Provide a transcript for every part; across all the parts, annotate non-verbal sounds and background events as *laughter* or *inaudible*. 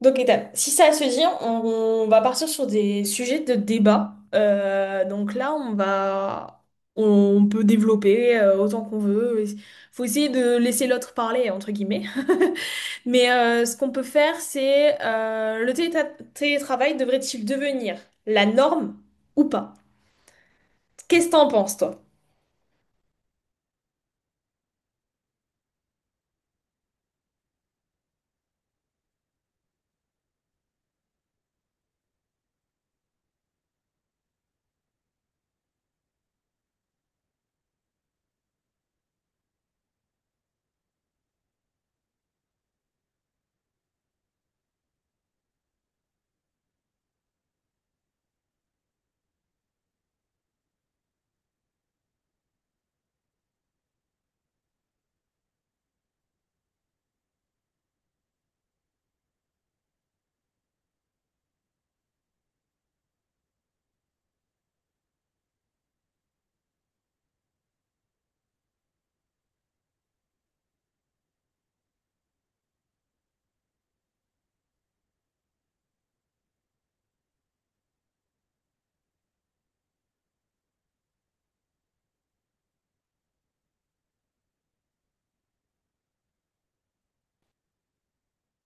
Donc, étape. Si ça se dit, on va partir sur des sujets de débat. Donc là, on, va, on peut développer autant qu'on veut. Faut essayer de laisser l'autre parler, entre guillemets. *laughs* Mais ce qu'on peut faire, c'est le télétravail devrait-il devenir la norme ou pas? Qu'est-ce que t'en penses, toi?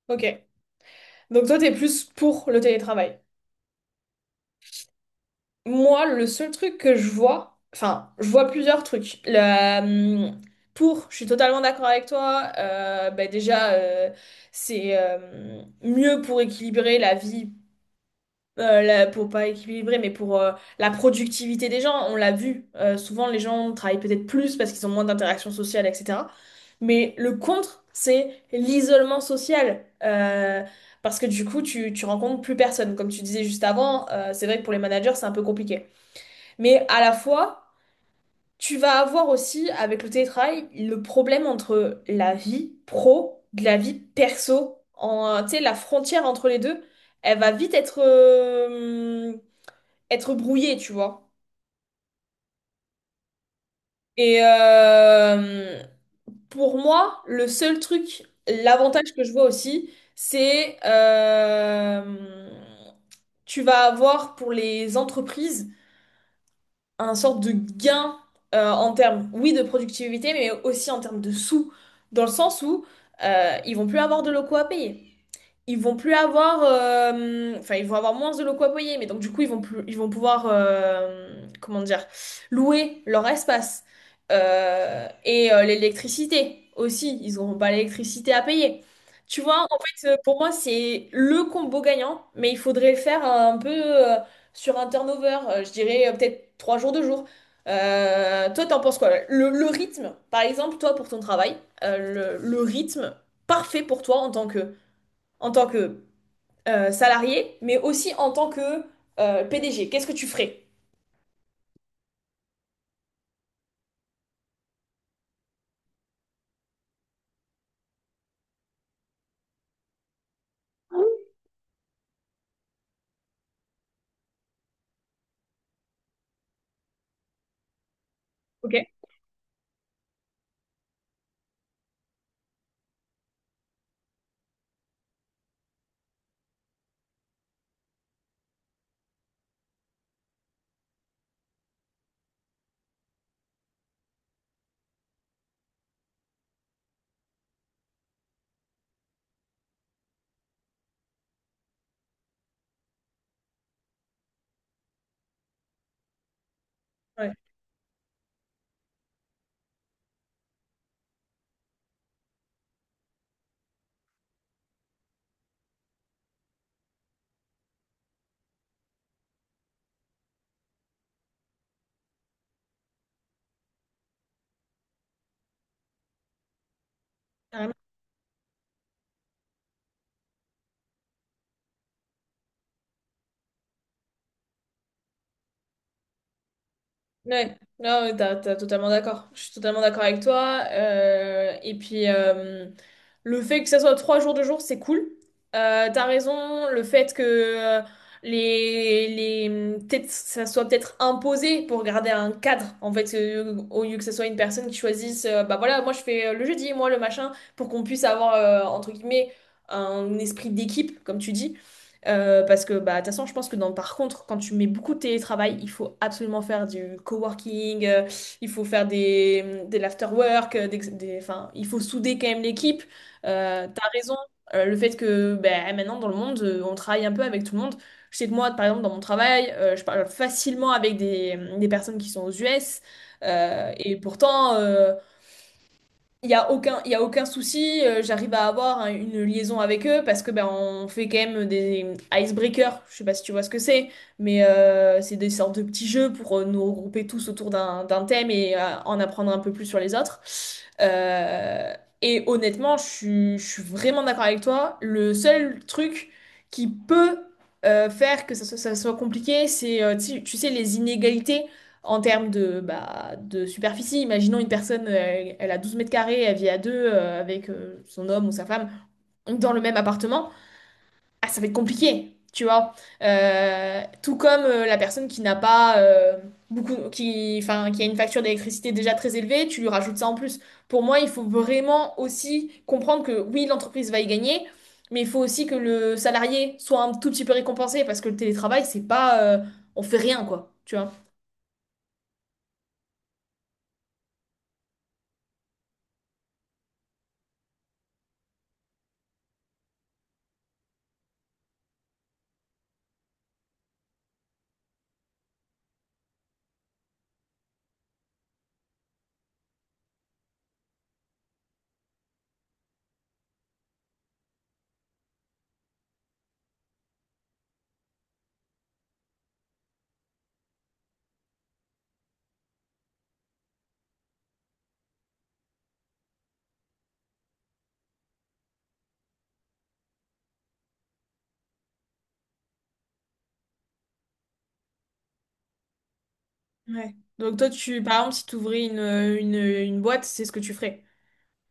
Ok. Donc toi, t'es plus pour le télétravail. Moi, le seul truc que je vois, enfin, je vois plusieurs trucs. Pour, je suis totalement d'accord avec toi. Bah déjà, c'est mieux pour équilibrer la vie, la- pour pas équilibrer, mais pour la productivité des gens. On l'a vu. Souvent, les gens travaillent peut-être plus parce qu'ils ont moins d'interactions sociales, etc. Mais le contre, c'est l'isolement social. Parce que du coup, tu rencontres plus personne. Comme tu disais juste avant, c'est vrai que pour les managers, c'est un peu compliqué. Mais à la fois, tu vas avoir aussi, avec le télétravail, le problème entre la vie pro de la vie perso. En, tu sais, la frontière entre les deux, elle va vite être, être brouillée, tu vois. Et pour moi, le seul truc, l'avantage que je vois aussi, c'est tu vas avoir pour les entreprises un sorte de gain en termes, oui, de productivité, mais aussi en termes de sous, dans le sens où ils vont plus avoir de locaux à payer, ils vont plus avoir, enfin ils vont avoir moins de locaux à payer, mais donc du coup ils vont plus, ils vont pouvoir, comment dire, louer leur espace. Et l'électricité aussi, ils n'auront pas l'électricité à payer. Tu vois, en fait pour moi c'est le combo gagnant, mais il faudrait le faire un peu sur un turnover, je dirais peut-être trois jours, deux jours. Toi t'en penses quoi? Le rythme, par exemple toi pour ton travail, le rythme parfait pour toi en tant que salarié, mais aussi en tant que PDG. Qu'est-ce que tu ferais? Ok. Ouais, carrément. Ouais, non, mais t'as totalement d'accord. Je suis totalement d'accord avec toi. Et puis, le fait que ça soit trois jours de jour, c'est cool. T'as raison, le fait que les, les, peut-être, ça soit peut-être imposé pour garder un cadre, en fait, au lieu que ce soit une personne qui choisisse, bah voilà, moi je fais le jeudi, moi le machin, pour qu'on puisse avoir, entre guillemets, un esprit d'équipe, comme tu dis. Parce que bah, de toute façon, je pense que dans, par contre, quand tu mets beaucoup de télétravail, il faut absolument faire du coworking, il faut faire des l'afterwork, enfin, il faut souder quand même l'équipe. T'as raison, le fait que bah, maintenant dans le monde, on travaille un peu avec tout le monde. Je sais que moi, par exemple, dans mon travail, je parle facilement avec des personnes qui sont aux US, et pourtant, il y a aucun souci, j'arrive à avoir hein, une liaison avec eux parce que ben, on fait quand même des icebreakers, je sais pas si tu vois ce que c'est, mais c'est des sortes de petits jeux pour nous regrouper tous autour d'un thème et en apprendre un peu plus sur les autres. Euh, et honnêtement, je suis vraiment d'accord avec toi. Le seul truc qui peut faire que ça soit compliqué, c'est, tu sais, les inégalités en termes de, bah, de superficie, imaginons une personne, elle a 12 mètres carrés, elle vit à deux avec son homme ou sa femme dans le même appartement, ah, ça va être compliqué, tu vois. Tout comme la personne qui n'a pas enfin, qui a une facture d'électricité déjà très élevée, tu lui rajoutes ça en plus. Pour moi, il faut vraiment aussi comprendre que oui, l'entreprise va y gagner, mais il faut aussi que le salarié soit un tout petit peu récompensé parce que le télétravail, c'est pas, on fait rien, quoi, tu vois. Ouais. Donc toi, par exemple, si tu ouvrais une boîte, c'est ce que tu ferais?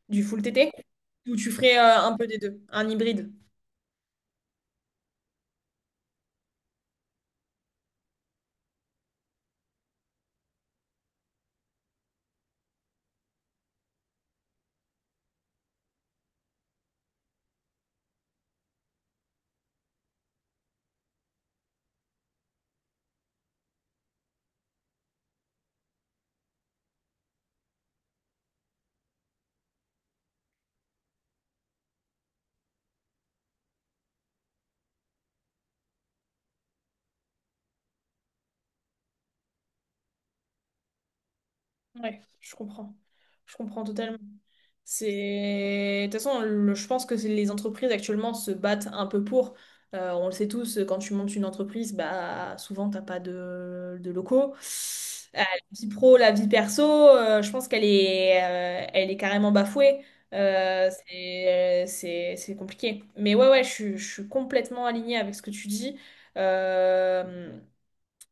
Du full TT, ou tu ferais un peu des deux, un hybride? Ouais, je comprends. Je comprends totalement. C'est… De toute façon, le- je pense que c'est- les entreprises actuellement se battent un peu pour. On le sait tous, quand tu montes une entreprise, bah, souvent, t'as pas de locaux. La vie pro, la vie perso, je pense qu'elle est, elle est carrément bafouée. C'est compliqué. Mais ouais, ouais, je suis complètement alignée avec ce que tu dis. Euh,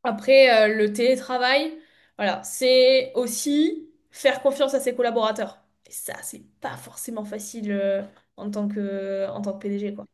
Après, le télétravail, voilà, c'est aussi faire confiance à ses collaborateurs. Et ça, c'est pas forcément facile en tant que PDG, quoi.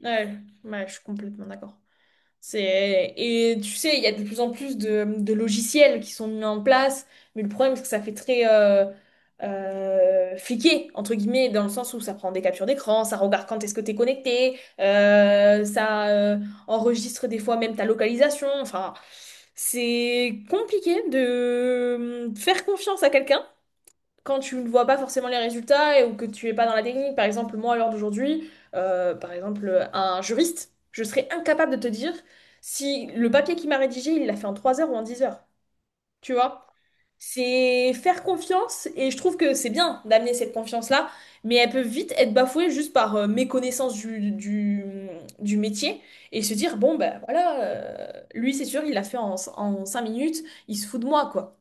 Ouais, ouais, je suis complètement d'accord. C'est… Et tu sais, il y a de plus en plus de logiciels qui sont mis en place, mais le problème, c'est que ça fait très fliqué, entre guillemets, dans le sens où ça prend des captures d'écran, ça regarde quand est-ce que t'es connecté, ça enregistre des fois même ta localisation. Enfin, c'est compliqué de faire confiance à quelqu'un quand tu ne vois pas forcément les résultats et, ou que tu es pas dans la technique. Par exemple, moi, à l'heure d'aujourd'hui, par exemple, un juriste, je serais incapable de te dire si le papier qu'il m'a rédigé, il l'a fait en 3 heures ou en 10 heures. Tu vois? C'est faire confiance et je trouve que c'est bien d'amener cette confiance-là, mais elle peut vite être bafouée juste par méconnaissance du métier et se dire, bon, ben voilà, lui c'est sûr, il l'a fait en 5 minutes, il se fout de moi, quoi.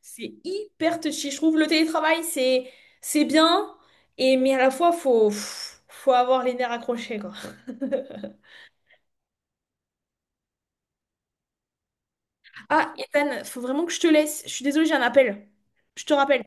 C'est hyper touchy. Je trouve le télétravail, c'est bien, et mais à la fois, faut avoir les nerfs accrochés, quoi. *laughs* Ah, Ethan, faut vraiment que je te laisse. Je suis désolée, j'ai un appel. Je te rappelle.